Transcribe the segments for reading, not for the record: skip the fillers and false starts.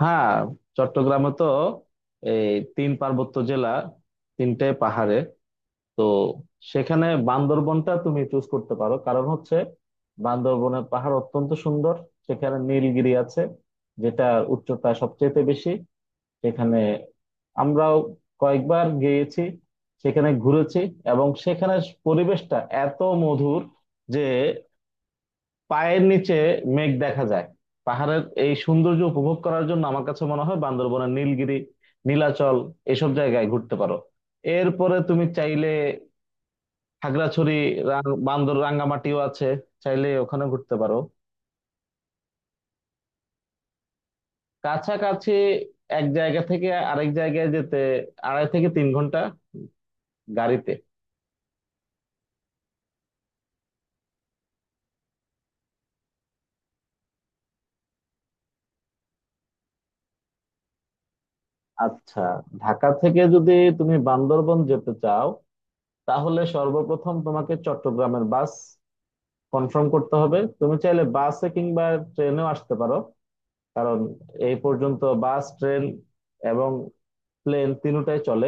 হ্যাঁ, চট্টগ্রামে তো এই তিন পার্বত্য জেলা। তিনটে পাহাড়ে তো সেখানে বান্দরবনটা তুমি চুজ করতে পারো, কারণ হচ্ছে বান্দরবনের পাহাড় অত্যন্ত সুন্দর। সেখানে নীলগিরি আছে, যেটা উচ্চতা সবচেয়ে বেশি। সেখানে আমরাও কয়েকবার গিয়েছি, সেখানে ঘুরেছি। এবং সেখানে পরিবেশটা এত মধুর যে পায়ের নিচে মেঘ দেখা যায়। পাহাড়ের এই সৌন্দর্য উপভোগ করার জন্য আমার কাছে মনে হয় বান্দরবনের নীলগিরি, নীলাচল, এসব জায়গায় ঘুরতে পারো। এরপরে তুমি চাইলে খাগড়াছড়ি, রাং- বান্দর রাঙ্গামাটিও আছে, চাইলে ওখানে ঘুরতে পারো। কাছাকাছি। এক জায়গা থেকে আরেক জায়গায় যেতে 2.5 থেকে 3 ঘন্টা গাড়িতে। আচ্ছা, ঢাকা থেকে যদি তুমি বান্দরবন যেতে চাও, তাহলে সর্বপ্রথম তোমাকে চট্টগ্রামের বাস কনফার্ম করতে হবে। তুমি চাইলে বাসে কিংবা ট্রেনেও আসতে পারো, কারণ এই পর্যন্ত বাস, ট্রেন এবং প্লেন তিনটাই চলে।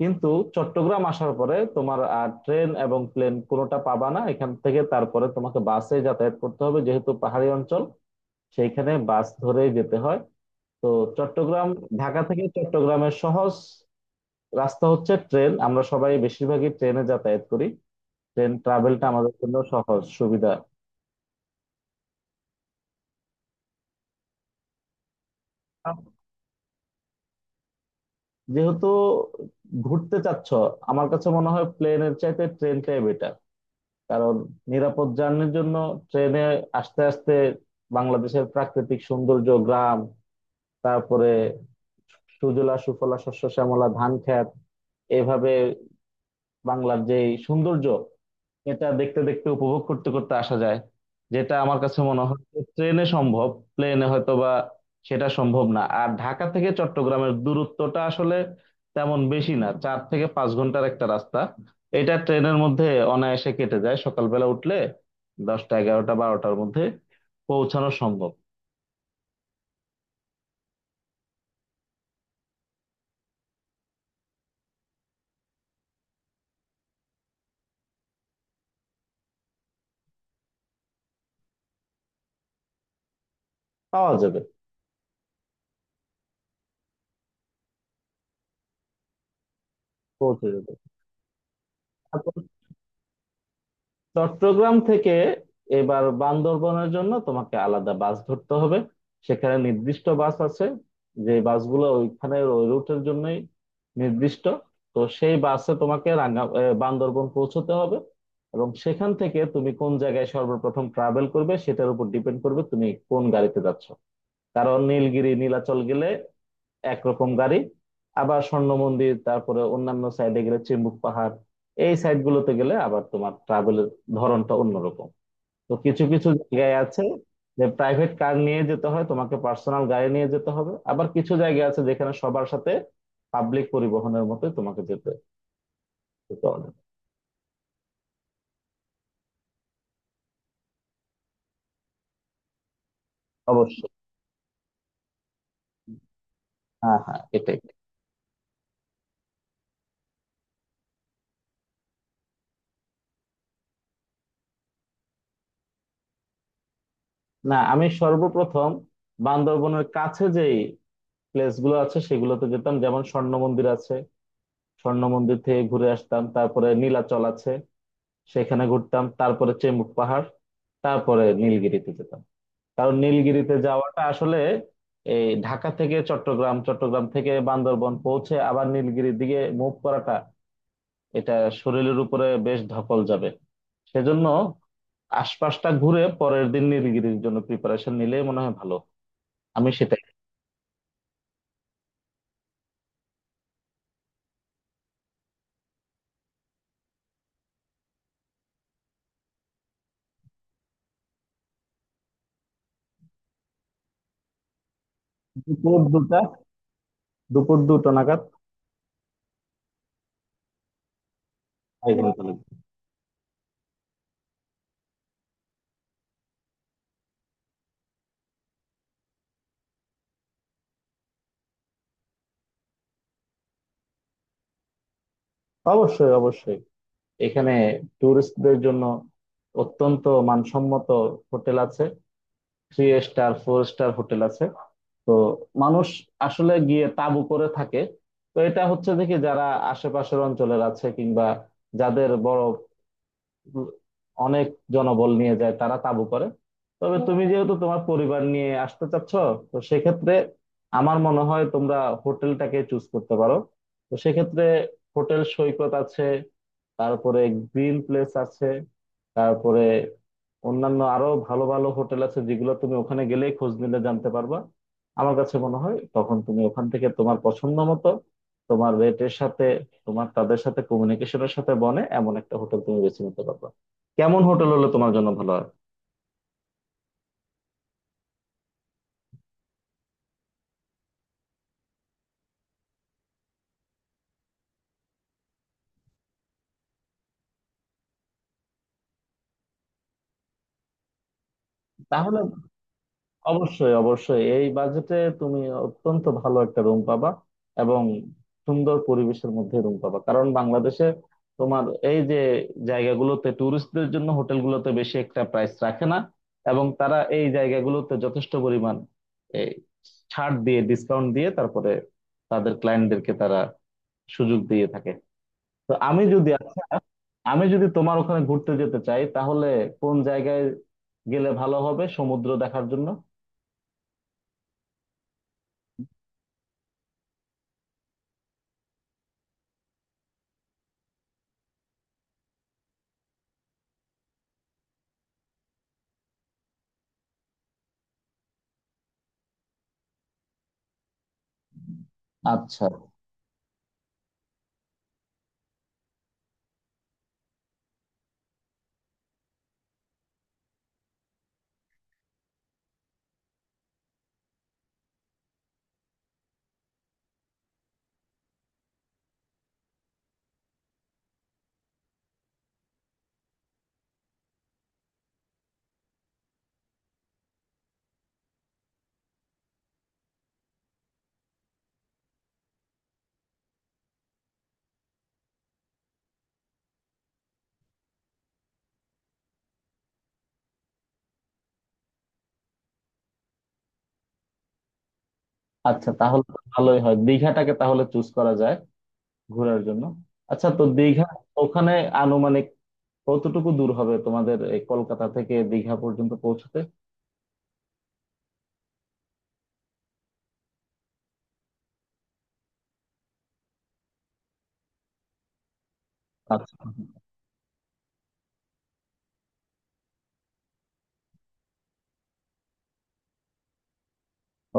কিন্তু চট্টগ্রাম আসার পরে তোমার আর ট্রেন এবং প্লেন কোনোটা পাবা না এখান থেকে। তারপরে তোমাকে বাসে যাতায়াত করতে হবে, যেহেতু পাহাড়ি অঞ্চল, সেইখানে বাস ধরেই যেতে হয়। তো চট্টগ্রাম, ঢাকা থেকে চট্টগ্রামের সহজ রাস্তা হচ্ছে ট্রেন। আমরা সবাই বেশিরভাগই ট্রেনে যাতায়াত করি। ট্রেন ট্রাভেলটা আমাদের জন্য সহজ সুবিধা। যেহেতু ঘুরতে চাচ্ছ, আমার কাছে মনে হয় প্লেনের চাইতে ট্রেনটাই বেটার। কারণ নিরাপদ জার্নির জন্য ট্রেনে আস্তে আস্তে বাংলাদেশের প্রাকৃতিক সৌন্দর্য, গ্রাম, তারপরে সুজলা সুফলা শস্য শ্যামলা ধান ক্ষেত, এভাবে বাংলার যে এই সৌন্দর্য, এটা দেখতে দেখতে উপভোগ করতে করতে আসা যায়, যেটা আমার কাছে মনে হয় যে ট্রেনে সম্ভব। প্লেনে হয়তো বা সেটা সম্ভব না। আর ঢাকা থেকে চট্টগ্রামের দূরত্বটা আসলে তেমন বেশি না, 4 থেকে 5 ঘন্টার একটা রাস্তা। এটা ট্রেনের মধ্যে অনায়াসে কেটে যায়। সকালবেলা উঠলে 10টা, 11টা, 12টার মধ্যে পৌঁছানো সম্ভব। পাওয়া যাবে। পৌঁছে যাবে। চট্টগ্রাম থেকে এবার বান্দরবনের জন্য তোমাকে আলাদা বাস ধরতে হবে। সেখানে নির্দিষ্ট বাস আছে, যে বাসগুলো ওইখানে ওই রুটের জন্যই নির্দিষ্ট। তো সেই বাসে তোমাকে বান্দরবন পৌঁছতে হবে। এবং সেখান থেকে তুমি কোন জায়গায় সর্বপ্রথম ট্রাভেল করবে সেটার উপর ডিপেন্ড করবে তুমি কোন গাড়িতে যাচ্ছ। কারণ নীলগিরি, নীলাচল গেলে একরকম গাড়ি। আবার স্বর্ণ মন্দির, তারপরে অন্যান্য সাইডে গেলে চিম্বুক পাহাড়, এই সাইড গুলোতে গেলে আবার তোমার ট্রাভেলের ধরনটা অন্যরকম। তো কিছু কিছু জায়গায় আছে যে প্রাইভেট কার নিয়ে যেতে হয়, তোমাকে পার্সোনাল গাড়ি নিয়ে যেতে হবে। আবার কিছু জায়গা আছে যেখানে সবার সাথে পাবলিক পরিবহনের মতো তোমাকে যেতে যেতে হবে। অবশ্যই। হ্যাঁ হ্যাঁ, এটাই। না, আমি সর্বপ্রথম বান্দরবনের কাছে যেই প্লেস গুলো আছে সেগুলোতে যেতাম, যেমন স্বর্ণ মন্দির আছে, স্বর্ণ মন্দির থেকে ঘুরে আসতাম। তারপরে নীলাচল আছে, সেখানে ঘুরতাম। তারপরে চেম্বুট পাহাড়, তারপরে নীলগিরিতে যেতাম। কারণ নীলগিরিতে যাওয়াটা আসলে এই ঢাকা থেকে চট্টগ্রাম, চট্টগ্রাম থেকে বান্দরবন পৌঁছে আবার নীলগিরির দিকে মুভ করাটা, এটা শরীরের উপরে বেশ ধকল যাবে। সেজন্য আশপাশটা ঘুরে পরের দিন নীলগিরির জন্য প্রিপারেশন নিলে মনে হয় ভালো। আমি সেটাই। দুপুর 2টা, দুপুর 2টো নাগাদ পায়খানা চলে যাই। অবশ্যই, অবশ্যই। এখানে ট্যুরিস্টদের জন্য অত্যন্ত মানসম্মত হোটেল আছে, three star four star hotel আছে। তো মানুষ আসলে গিয়ে তাঁবু করে থাকে। তো এটা হচ্ছে, দেখি যারা আশেপাশের অঞ্চলের আছে কিংবা যাদের বড় অনেক জনবল নিয়ে যায়, তারা তাঁবু করে। তবে হুম। তুমি যেহেতু তোমার পরিবার নিয়ে আসতে চাচ্ছ, তো সেক্ষেত্রে আমার মনে হয় তোমরা হোটেলটাকে চুজ করতে পারো। তো সেক্ষেত্রে হোটেল সৈকত আছে, তারপরে গ্রিন প্লেস আছে, তারপরে অন্যান্য আরো ভালো ভালো হোটেল আছে যেগুলো তুমি ওখানে গেলেই খোঁজ নিলে জানতে পারবা। আমার কাছে মনে হয় তখন তুমি ওখান থেকে তোমার পছন্দ মতো, তোমার রেটের সাথে, তোমার তাদের সাথে কমিউনিকেশনের সাথে বনে এমন একটা হোটেল তুমি বেছে নিতে পারবা। কেমন হোটেল হলে তোমার জন্য ভালো হয়? তাহলে অবশ্যই, অবশ্যই এই বাজেটে তুমি অত্যন্ত ভালো একটা রুম পাবা। এবং সুন্দর পরিবেশের মধ্যে রুম পাবা, কারণ বাংলাদেশে তোমার এই যে জায়গাগুলোতে ট্যুরিস্টদের জন্য হোটেলগুলোতে বেশি একটা প্রাইস রাখে না। এবং তারা এই জায়গাগুলোতে যথেষ্ট পরিমাণ এই ছাড় দিয়ে, ডিসকাউন্ট দিয়ে, তারপরে তাদের ক্লায়েন্টদেরকে তারা সুযোগ দিয়ে থাকে। তো আমি যদি তোমার ওখানে ঘুরতে যেতে চাই তাহলে কোন জায়গায় গেলে ভালো হবে সমুদ্র দেখার জন্য? আচ্ছা, আচ্ছা। তাহলে তো ভালোই হয়, দীঘাটাকে তাহলে চুজ করা যায় ঘোরার জন্য। আচ্ছা, তো দীঘা ওখানে আনুমানিক কতটুকু দূর হবে তোমাদের এই কলকাতা থেকে দীঘা পর্যন্ত পৌঁছতে? আচ্ছা।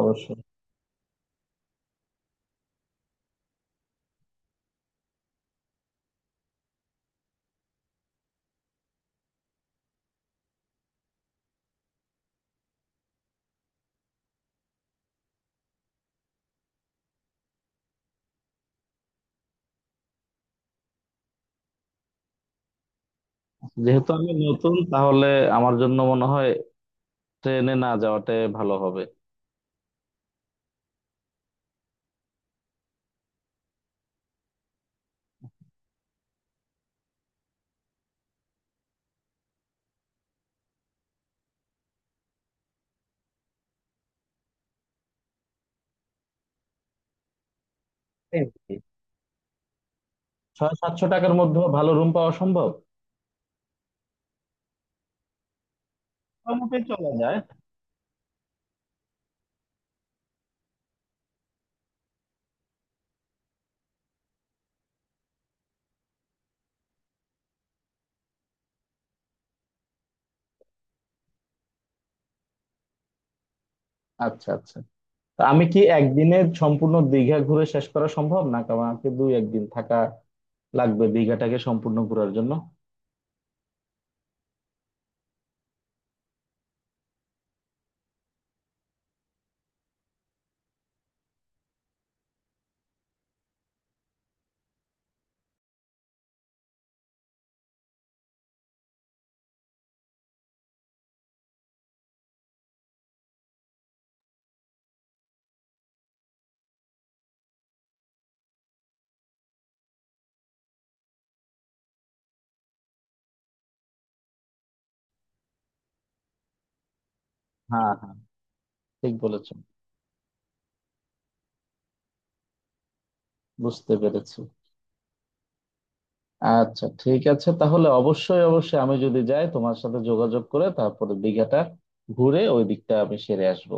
অবশ্যই। যেহেতু আমি নতুন, তাহলে আমার জন্য মনে হয় ট্রেনে না যাওয়াটাই ভালো হবে। এই কি, 600-700 টাকার মধ্যে ভালো রুম পাওয়া সম্ভব? মোটামুটি চলা যায়। আচ্ছা আচ্ছা। তা আমি কি একদিনে সম্পূর্ণ দীঘা ঘুরে শেষ করা সম্ভব না? কারণ আমাকে দুই একদিন থাকা লাগবে দীঘাটাকে সম্পূর্ণ ঘোরার জন্য। হ্যাঁ হ্যাঁ, ঠিক বলেছো। বুঝতে পেরেছি। আচ্ছা ঠিক আছে, তাহলে অবশ্যই, অবশ্যই আমি যদি যাই তোমার সাথে যোগাযোগ করে, তারপরে দীঘাটা ঘুরে ওই দিকটা আমি সেরে আসবো।